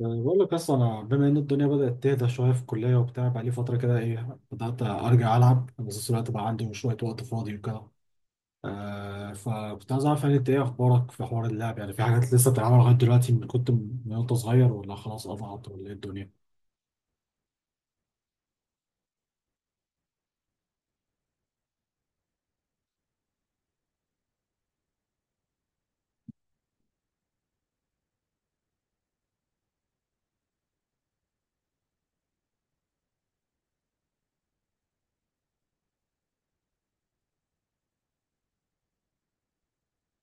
يعني بقول لك، اصلا انا بما ان الدنيا بدات تهدى شويه في الكليه وبتاع، بقى لي فتره كده ايه، بدات ارجع العب، بس الوقت بقى عندي شويه وقت فاضي وكده. آه فكنت عايز اعرف، يعني انت ايه اخبارك في حوار اللعب، يعني في حاجات لسه بتلعبها لغايه دلوقتي من وانت صغير، ولا خلاص قطعت ولا ايه الدنيا؟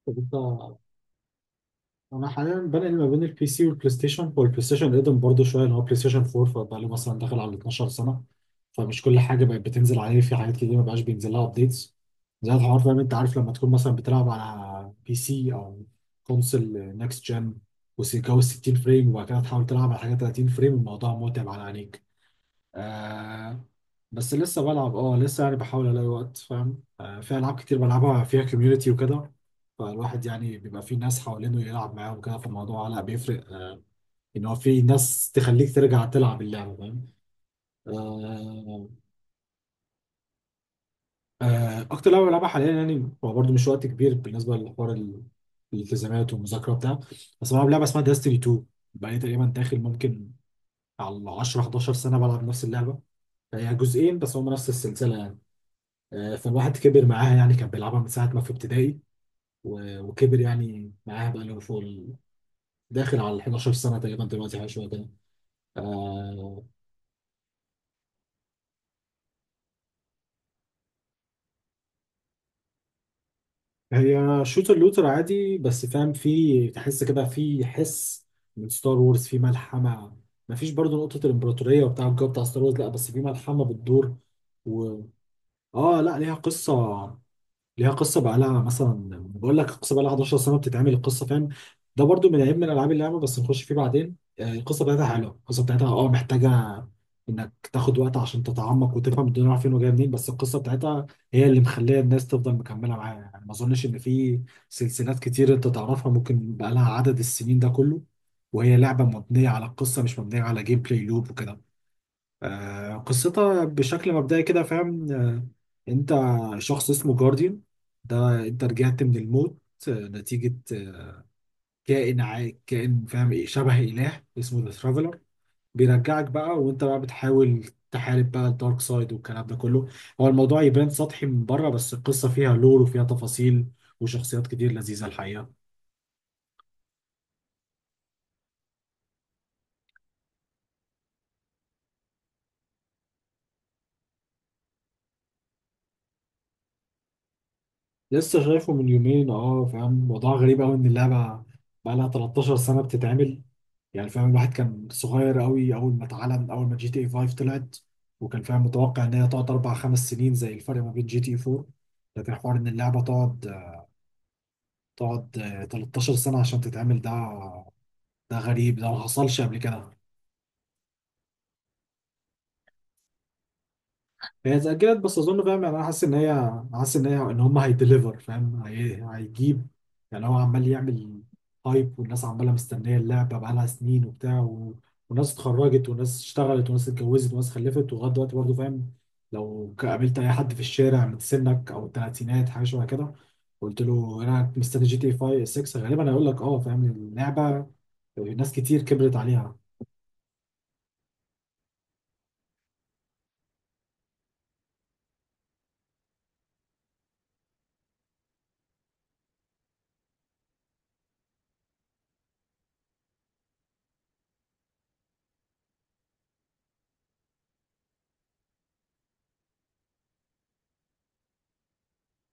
طب انت. انا حاليا بنقل ما بين البي سي والبلاي ستيشن، هو البلاي ستيشن قدم برضه شويه اللي هو بلاي ستيشن 4، فبقى له مثلا داخل على 12 سنه. فمش كل حاجه بقت بتنزل عليه، في حاجات كتير ما بقاش بينزل لها ابديتس. زي الحوار فاهم، انت عارف لما تكون مثلا بتلعب على بي سي او كونسل نكست جن وجو 60 فريم، وبعد كده تحاول تلعب على حاجه 30 فريم، الموضوع متعب على عينيك. آه. بس لسه بلعب، لسه يعني بحاول الاقي وقت فاهم، في العاب كتير بلعبها فيها كوميونتي وكده. فالواحد يعني بيبقى في ناس حوالينه يلعب معاهم وكده، فالموضوع لا بيفرق، ان هو في ناس تخليك ترجع تلعب اللعبه فاهم. آه آه. اكتر لعبه بلعبها حاليا يعني، هو برضه مش وقت كبير بالنسبه لحوار الالتزامات والمذاكره وبتاع، بس بلعب لعبه اسمها داستني 2. بقالي تقريبا داخل، ممكن على 10 11 سنه بلعب نفس اللعبه، هي جزئين بس هم نفس السلسله يعني. فالواحد كبر معاها يعني، كان بيلعبها من ساعة ما في ابتدائي وكبر يعني معاها، بقى له فوق داخل على ال 11 سنة تقريبا دلوقتي، حاجة شوية كده. آه، هي شوتر لوتر عادي، بس فاهم في تحس كده، في حس من ستار وورز، في ملحمة. مفيش برضو نقطة الإمبراطورية وبتاع الجو بتاع ستار وورز، لا بس في ملحمة بتدور. و اه لا، ليها قصة. ليها قصه، بقى لها مثلا، بقول لك القصه بقى لها 11 سنه بتتعمل القصه فاهم. ده برضو من عيب من العاب اللعبه، بس نخش فيه بعدين. القصه بتاعتها حلوه، القصه بتاعتها محتاجه انك تاخد وقت عشان تتعمق وتفهم الدنيا رايحه فين وجايه منين، بس القصه بتاعتها هي اللي مخليه الناس تفضل مكمله معاها يعني. ما اظنش ان في سلسلات كتير انت تعرفها ممكن بقى لها عدد السنين ده كله، وهي لعبه مبنيه على القصه، مش مبنيه على جيم بلاي لوب وكده. قصتها بشكل مبدئي كده فاهم. انت شخص اسمه جارديان، ده انت رجعت من الموت، نتيجة كائن كائن فاهم، ايه شبه اله اسمه ذا ترافلر، بيرجعك بقى وانت بقى بتحاول تحارب بقى الدارك سايد والكلام ده كله. هو الموضوع يبان سطحي من بره، بس القصة فيها لور وفيها تفاصيل وشخصيات كتير لذيذة الحقيقة. لسه شايفه من يومين فاهم، موضوع غريب قوي ان اللعبه بقى لها 13 سنه بتتعمل. يعني فاهم الواحد كان صغير قوي اول ما اتعلن، اول ما جي تي اي 5 طلعت، وكان فاهم متوقع ان هي تقعد 4 5 سنين زي الفرق ما بين جي تي اي 4. لكن حوار ان اللعبه تقعد 13 سنه عشان تتعمل، ده غريب، ده ما حصلش قبل كده. هي اتأجلت، بس أظن فاهم يعني، أنا حاسس إن هي إن هم هيدليفر، فاهم، هيجيب، يعني هو عمال يعمل هايب والناس عمالة مستنية اللعبة بقالها سنين وبتاع، وناس اتخرجت وناس اشتغلت وناس اتجوزت وناس خلفت، ولغاية دلوقتي برضه فاهم، لو قابلت أي حد في الشارع من سنك أو التلاتينات حاجة شبه كده، قلت له أنا مستني جي تي 5 6 غالبا هيقول لك أه فاهم اللعبة، ناس كتير كبرت عليها.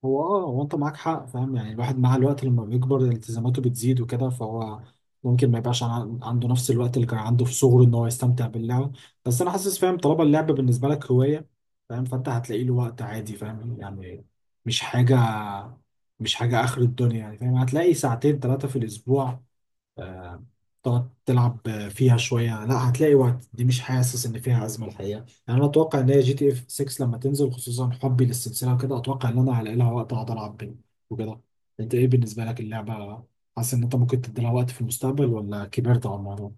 هو انت معاك حق فاهم، يعني الواحد مع الوقت لما بيكبر التزاماته بتزيد وكده، فهو ممكن ما يبقاش عنده نفس الوقت اللي كان عنده في صغره ان هو يستمتع باللعب. بس انا حاسس فاهم، طالما اللعب بالنسبه لك هوايه فاهم، فانت هتلاقي له وقت عادي فاهم يعني. مش حاجه مش حاجه اخر الدنيا يعني فاهم، هتلاقي ساعتين ثلاثه في الاسبوع تقعد تلعب فيها شوية، لا هتلاقي وقت، دي مش حاسس ان فيها أزمة الحقيقة. يعني انا اتوقع ان هي جي تي اف 6 لما تنزل، خصوصا حبي للسلسلة وكده، اتوقع ان انا هلاقي لها وقت اقعد العب بيه وكده. انت ايه بالنسبة لك اللعبة، حاسس ان انت ممكن تدي لها وقت في المستقبل ولا كبرت على الموضوع؟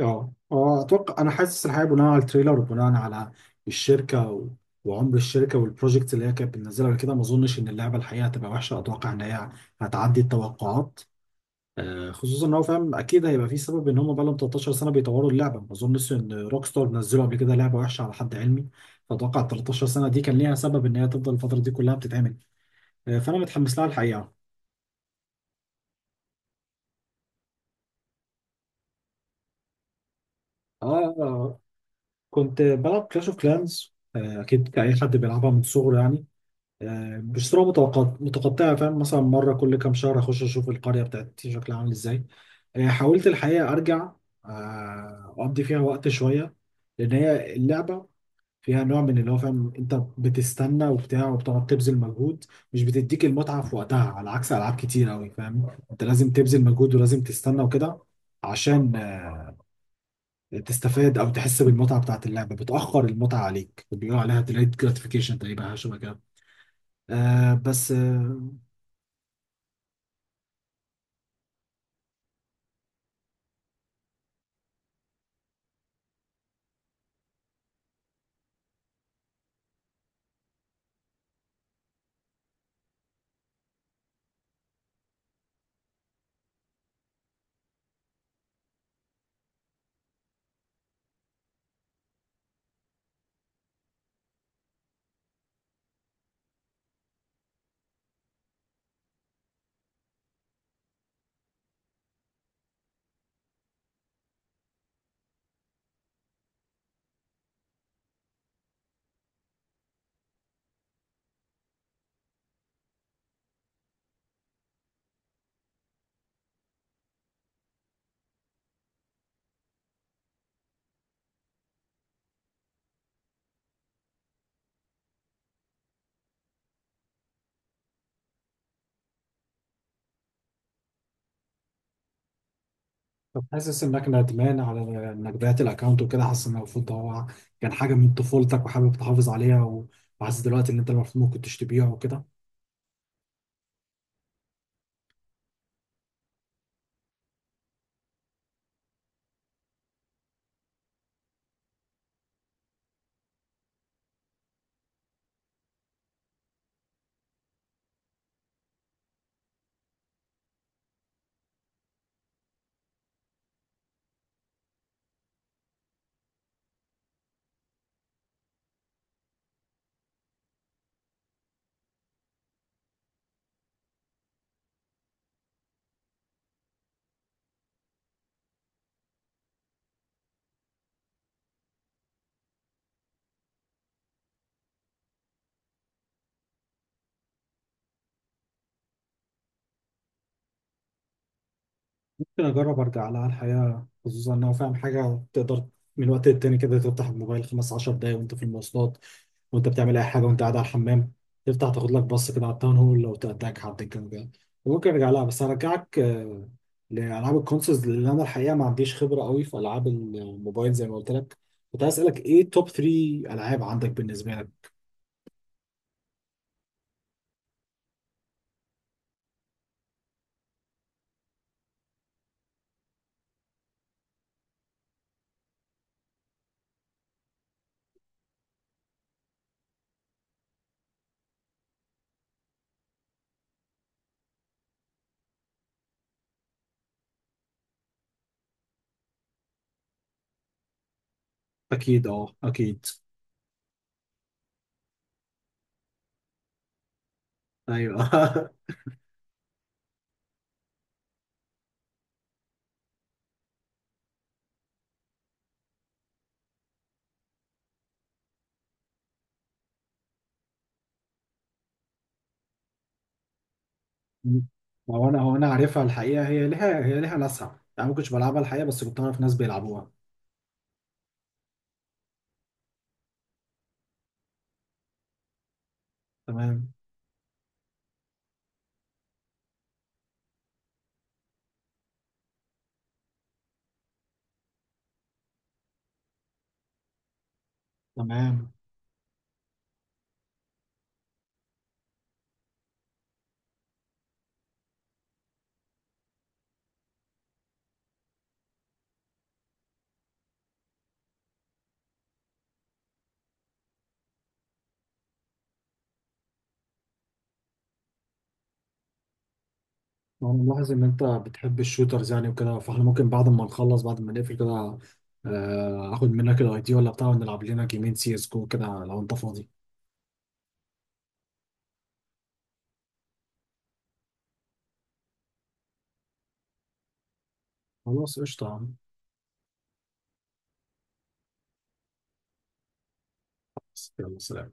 اه اتوقع، انا حاسس الحقيقة بناء على التريلر وبناء على الشركة وعمر الشركة والبروجكت اللي هي كانت بتنزلها قبل كده، ما اظنش ان اللعبة الحقيقة هتبقى وحشة، اتوقع ان هي هتعدي التوقعات. خصوصا ان هو فاهم، اكيد هيبقى في سبب ان هم بقى لهم 13 سنه بيطوروا اللعبه، ما اظنش ان روك ستار نزلوا قبل كده لعبه وحشه على حد علمي. فاتوقع ال 13 سنه دي كان ليها سبب ان هي تفضل الفتره دي كلها بتتعمل. فانا متحمس لها الحقيقه. اه آه، كنت بلعب كلاش اوف كلانز، اكيد كاي حد بيلعبها من صغره يعني. بشتريها متقطعه، فاهم، مثلا مره كل كام شهر اخش اشوف القريه بتاعتي شكلها عامل ازاي. حاولت الحقيقه ارجع اقضي فيها وقت شويه. لان هي اللعبه فيها نوع من اللي هو فاهم، انت بتستنى وبتاع، وبتقعد تبذل مجهود، مش بتديك المتعه في وقتها، على عكس العاب كتير قوي فاهم، انت لازم تبذل مجهود ولازم تستنى وكده عشان تستفاد او تحس بالمتعه بتاعت اللعبه، بتاخر المتعه عليك، بيقولوا عليها delayed gratification، تقريبا حاجه شبه كده. بس. طب حاسس انك ندمان على انك بعت الاكونت وكده، حاسس ان المفروض ده هو كان حاجه من طفولتك وحابب تحافظ عليها، وحاسس دلوقتي ان انت المفروض ممكن تشتبيها وكده. ممكن أجرب أرجع لها الحقيقة، خصوصا إن هو فاهم، حاجة تقدر من وقت للتاني كده تفتح الموبايل 15 دقايق وأنت في المواصلات، وأنت بتعمل أي حاجة، وأنت قاعد على الحمام، تفتح تاخد لك بص كده على التاون هول لو تأتاك حد كان جاي، وممكن أرجع لها، بس هرجعك لألعاب الكونسولز، لأن أنا الحقيقة ما عنديش خبرة قوي في ألعاب الموبايل زي ما قلت لك. كنت عايز أسألك إيه توب 3 ألعاب عندك بالنسبة لك؟ أكيد، أه، أكيد. أيوه ما هو انا عارفها الحقيقه، هي ليها ناسها، يعني ما كنتش بلعبها الحقيقه بس كنت اعرف ناس بيلعبوها. تمام. تمام. وانا ملاحظ ان انت بتحب الشوترز، يعني وكده، فاحنا ممكن بعد ما نخلص بعد ما نقفل كده اخد منك الاي دي ولا بتاع، ونلعب لنا جيمين سي اس جو كده لو انت فاضي. خلاص قشطه يا عم. يلا سلام.